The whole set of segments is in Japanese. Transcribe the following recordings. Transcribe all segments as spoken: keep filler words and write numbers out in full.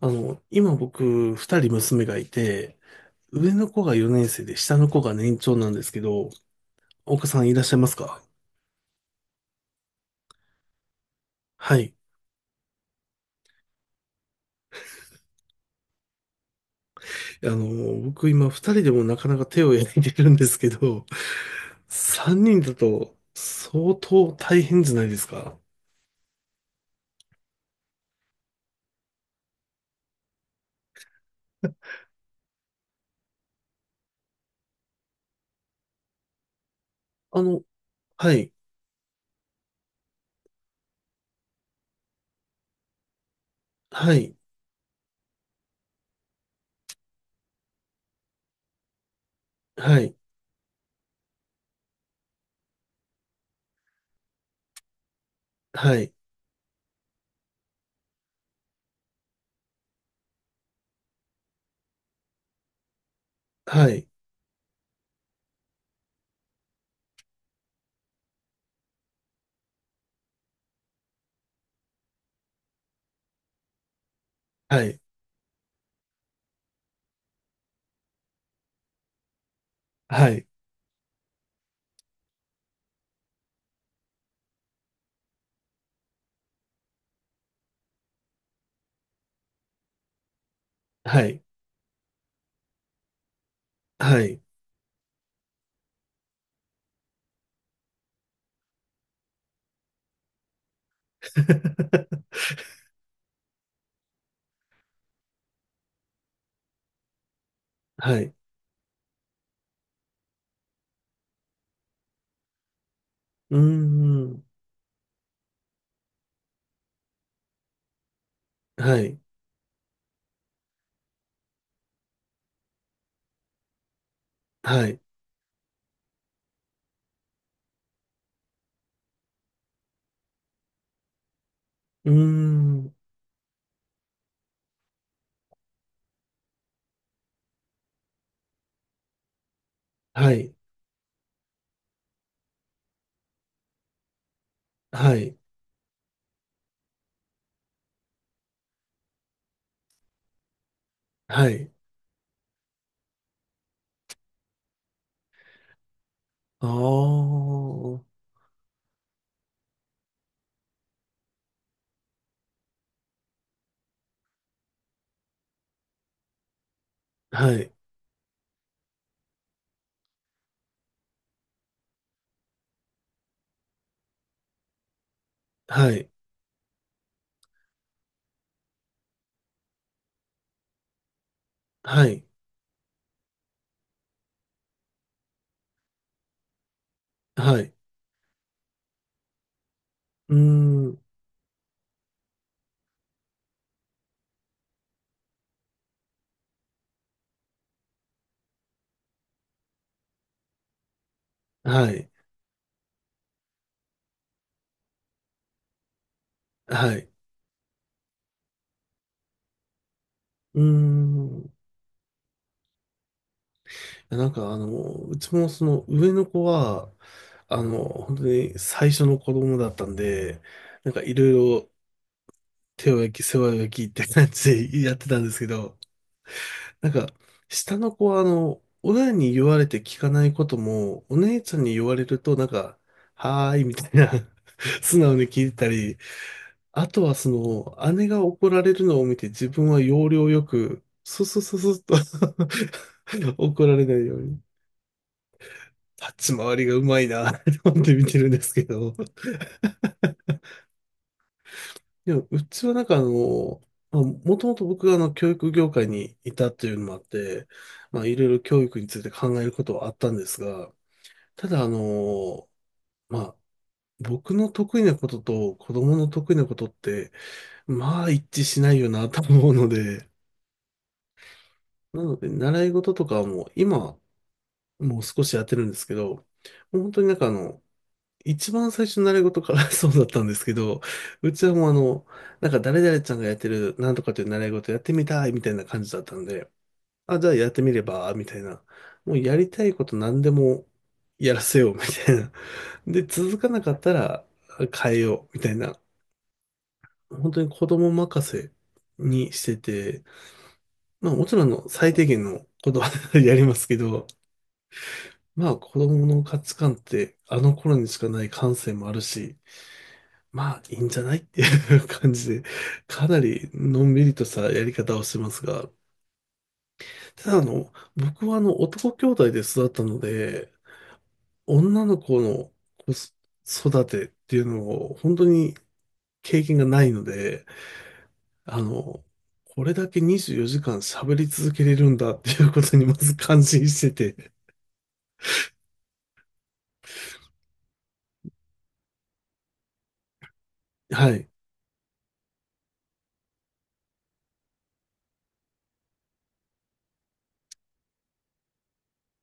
あの、今僕、二人娘がいて、上の子がよねんせい生で、下の子が年長なんですけど、岡さんいらっしゃいますか？はい。あの、僕今二人でもなかなか手を焼いてるんですけど、三人だと相当大変じゃないですか？あの、はい、はい、はい、はい、はい、はい、はい、はい、はい、はい、うーん、はい、はい、うーん、はい、はい、はい。ああ、はい、はい、はい、はい、うーん、はい、はい、うーん。いやなんかあの、うちもその上の子は、あの、本当に最初の子供だったんで、なんかいろいろ手を焼き、世話を焼きって感じでやってたんですけど、なんか下の子はあの、親に言われて聞かないことも、お姉ちゃんに言われるとなんか、はーいみたいな、素直に聞いたりあとはその、姉が怒られるのを見て自分は要領よく、ススススッと 怒られないように。立ち回りがうまいなって思って見てるんですけど。でも、うちはなんかあの、まあ、もともと僕があの、教育業界にいたっていうのもあって、まあ、いろいろ教育について考えることはあったんですが、ただあの、まあ、僕の得意なことと子供の得意なことって、まあ一致しないよなと思うので、なので、習い事とかはもう今、もう少しやってるんですけど、もう本当になんかあの、一番最初の習い事から そうだったんですけど、うちはもうあの、なんか誰々ちゃんがやってるなんとかという習い事やってみたいみたいな感じだったんで、あ、じゃあやってみれば、みたいな。もうやりたいこと何でもやらせよう、みたいな。で、続かなかったら変えよう、みたいな。本当に子供任せにしてて、まあもちろんあの最低限のことは やりますけど、まあ子供の価値観ってあの頃にしかない感性もあるし、まあいいんじゃないっていう感じで、かなりのんびりとしたやり方をしてますが、ただあの、僕はあの男兄弟で育ったので、女の子の子育てっていうのを本当に経験がないので、あの、これだけにじゅうよじかん喋り続けれるんだっていうことにまず感心してて、はい。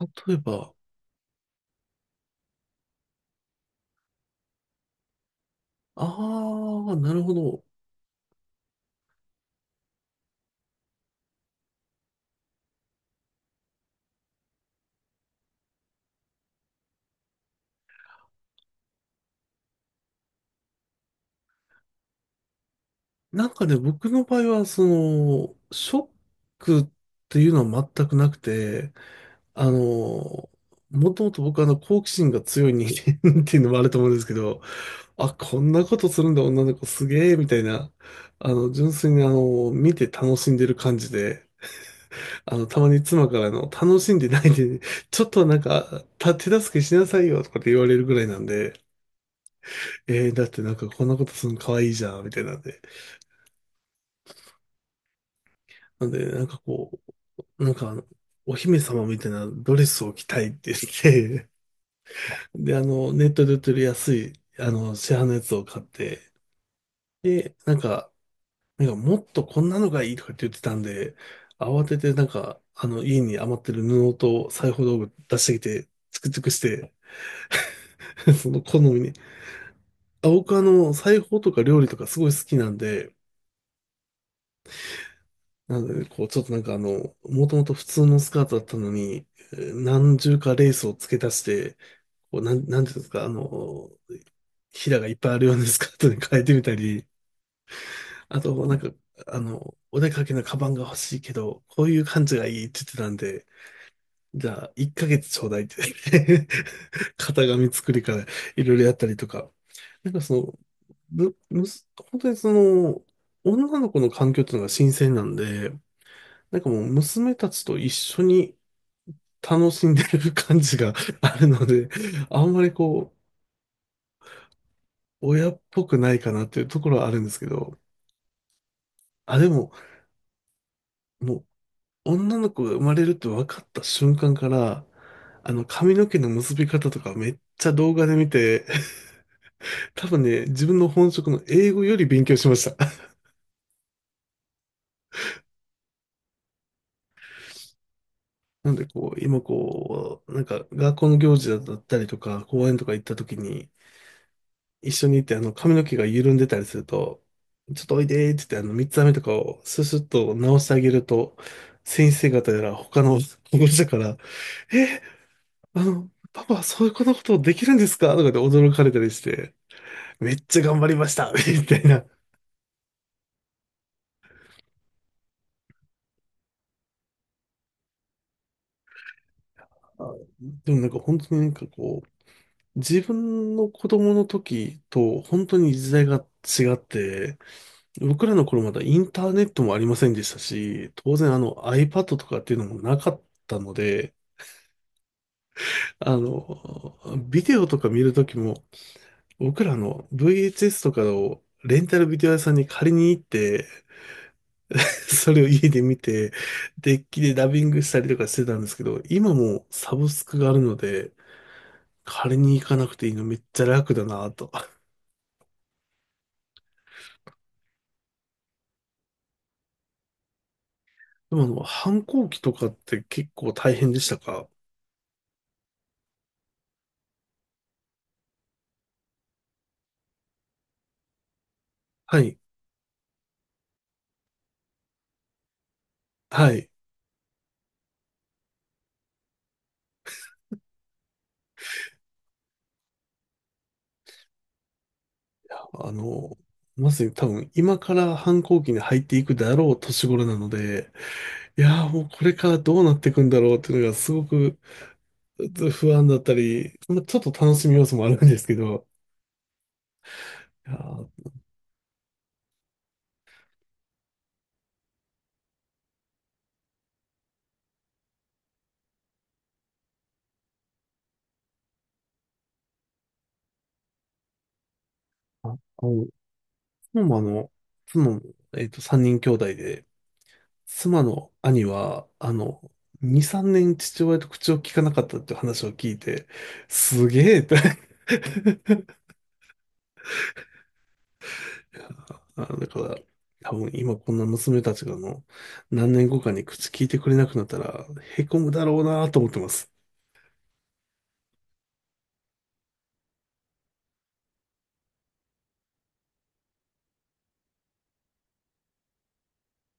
例えば、ああ、なるほど。なんかね、僕の場合は、その、ショックっていうのは全くなくて、あの、もともと僕はあの、好奇心が強い人間 っていうのもあると思うんですけど、あ、こんなことするんだ、女の子すげえ、みたいな、あの、純粋にあの、見て楽しんでる感じで、あの、たまに妻からあの、楽しんでないで、ちょっとなんか、た、手助けしなさいよ、とかって言われるぐらいなんで、えー、だってなんかこんなことするの可愛いじゃん、みたいなんで。なんで、なんかこう、なんかあの、お姫様みたいなドレスを着たいって言って、で、あの、ネットで売ってる安い、あの、市販のやつを買って、で、なんか、なんかもっとこんなのがいいとかって言ってたんで、慌ててなんか、あの、家に余ってる布と裁縫道具出してきて、チクチクして、その好みに。あ、僕あの、裁縫とか料理とかすごい好きなんで、なのでね、こう、ちょっとなんかあの、もともと普通のスカートだったのに、えー何重かレースを付け足して、こう、なん、なんていうんですか、あの、ひらがいっぱいあるようなスカートに変えてみたり、あと、なんか、あの、お出かけのカバンが欲しいけど、こういう感じがいいって言ってたんで、じゃあ、いっかげつちょうだいって 型紙作りからいろいろやったりとか。なんかその、む、むす、本当にその、女の子の環境っていうのが新鮮なんで、なんかもう娘たちと一緒に楽しんでる感じがあるので、あんまりこ親っぽくないかなっていうところはあるんですけど、あ、でも、もう、女の子が生まれるって分かった瞬間から、あの、髪の毛の結び方とかめっちゃ動画で見て、多分ね、自分の本職の英語より勉強しました。なんで、こう、今こう、なんか、学校の行事だったりとか、公園とか行った時に、一緒に行って、あの、髪の毛が緩んでたりすると、ちょっとおいでーって言って、あの、三つ編みとかをススッと直してあげると、先生方やら他の保護者から、えーあの、パパ、そういうことことできるんですかとかで驚かれたりして、めっちゃ頑張りました みたいな。あ、でもなんか本当になんかこう、自分の子供の時と本当に時代が違って、僕らの頃まだインターネットもありませんでしたし、当然あの iPad とかっていうのもなかったので、あの、ビデオとか見る時も、僕らあの ブイエイチエス とかをレンタルビデオ屋さんに借りに行って、それを家で見て、デッキでダビングしたりとかしてたんですけど、今もうサブスクがあるので、借りに行かなくていいのめっちゃ楽だなと。でもあの、反抗期とかって結構大変でしたか？はい、はい。あの、まさに多分今から反抗期に入っていくだろう年頃なので、いやーもうこれからどうなっていくんだろうっていうのがすごく不安だったり、まあちょっと楽しみ要素もあるんですけど、いやー。妻もあの、妻も、えっと、三人兄弟で、妻の兄は、あの、に、さんねん父親と口を聞かなかったっていう話を聞いて、すげえって。あ、だから、多分今こんな娘たちがあの、何年後かに口聞いてくれなくなったら、へこむだろうなと思ってます。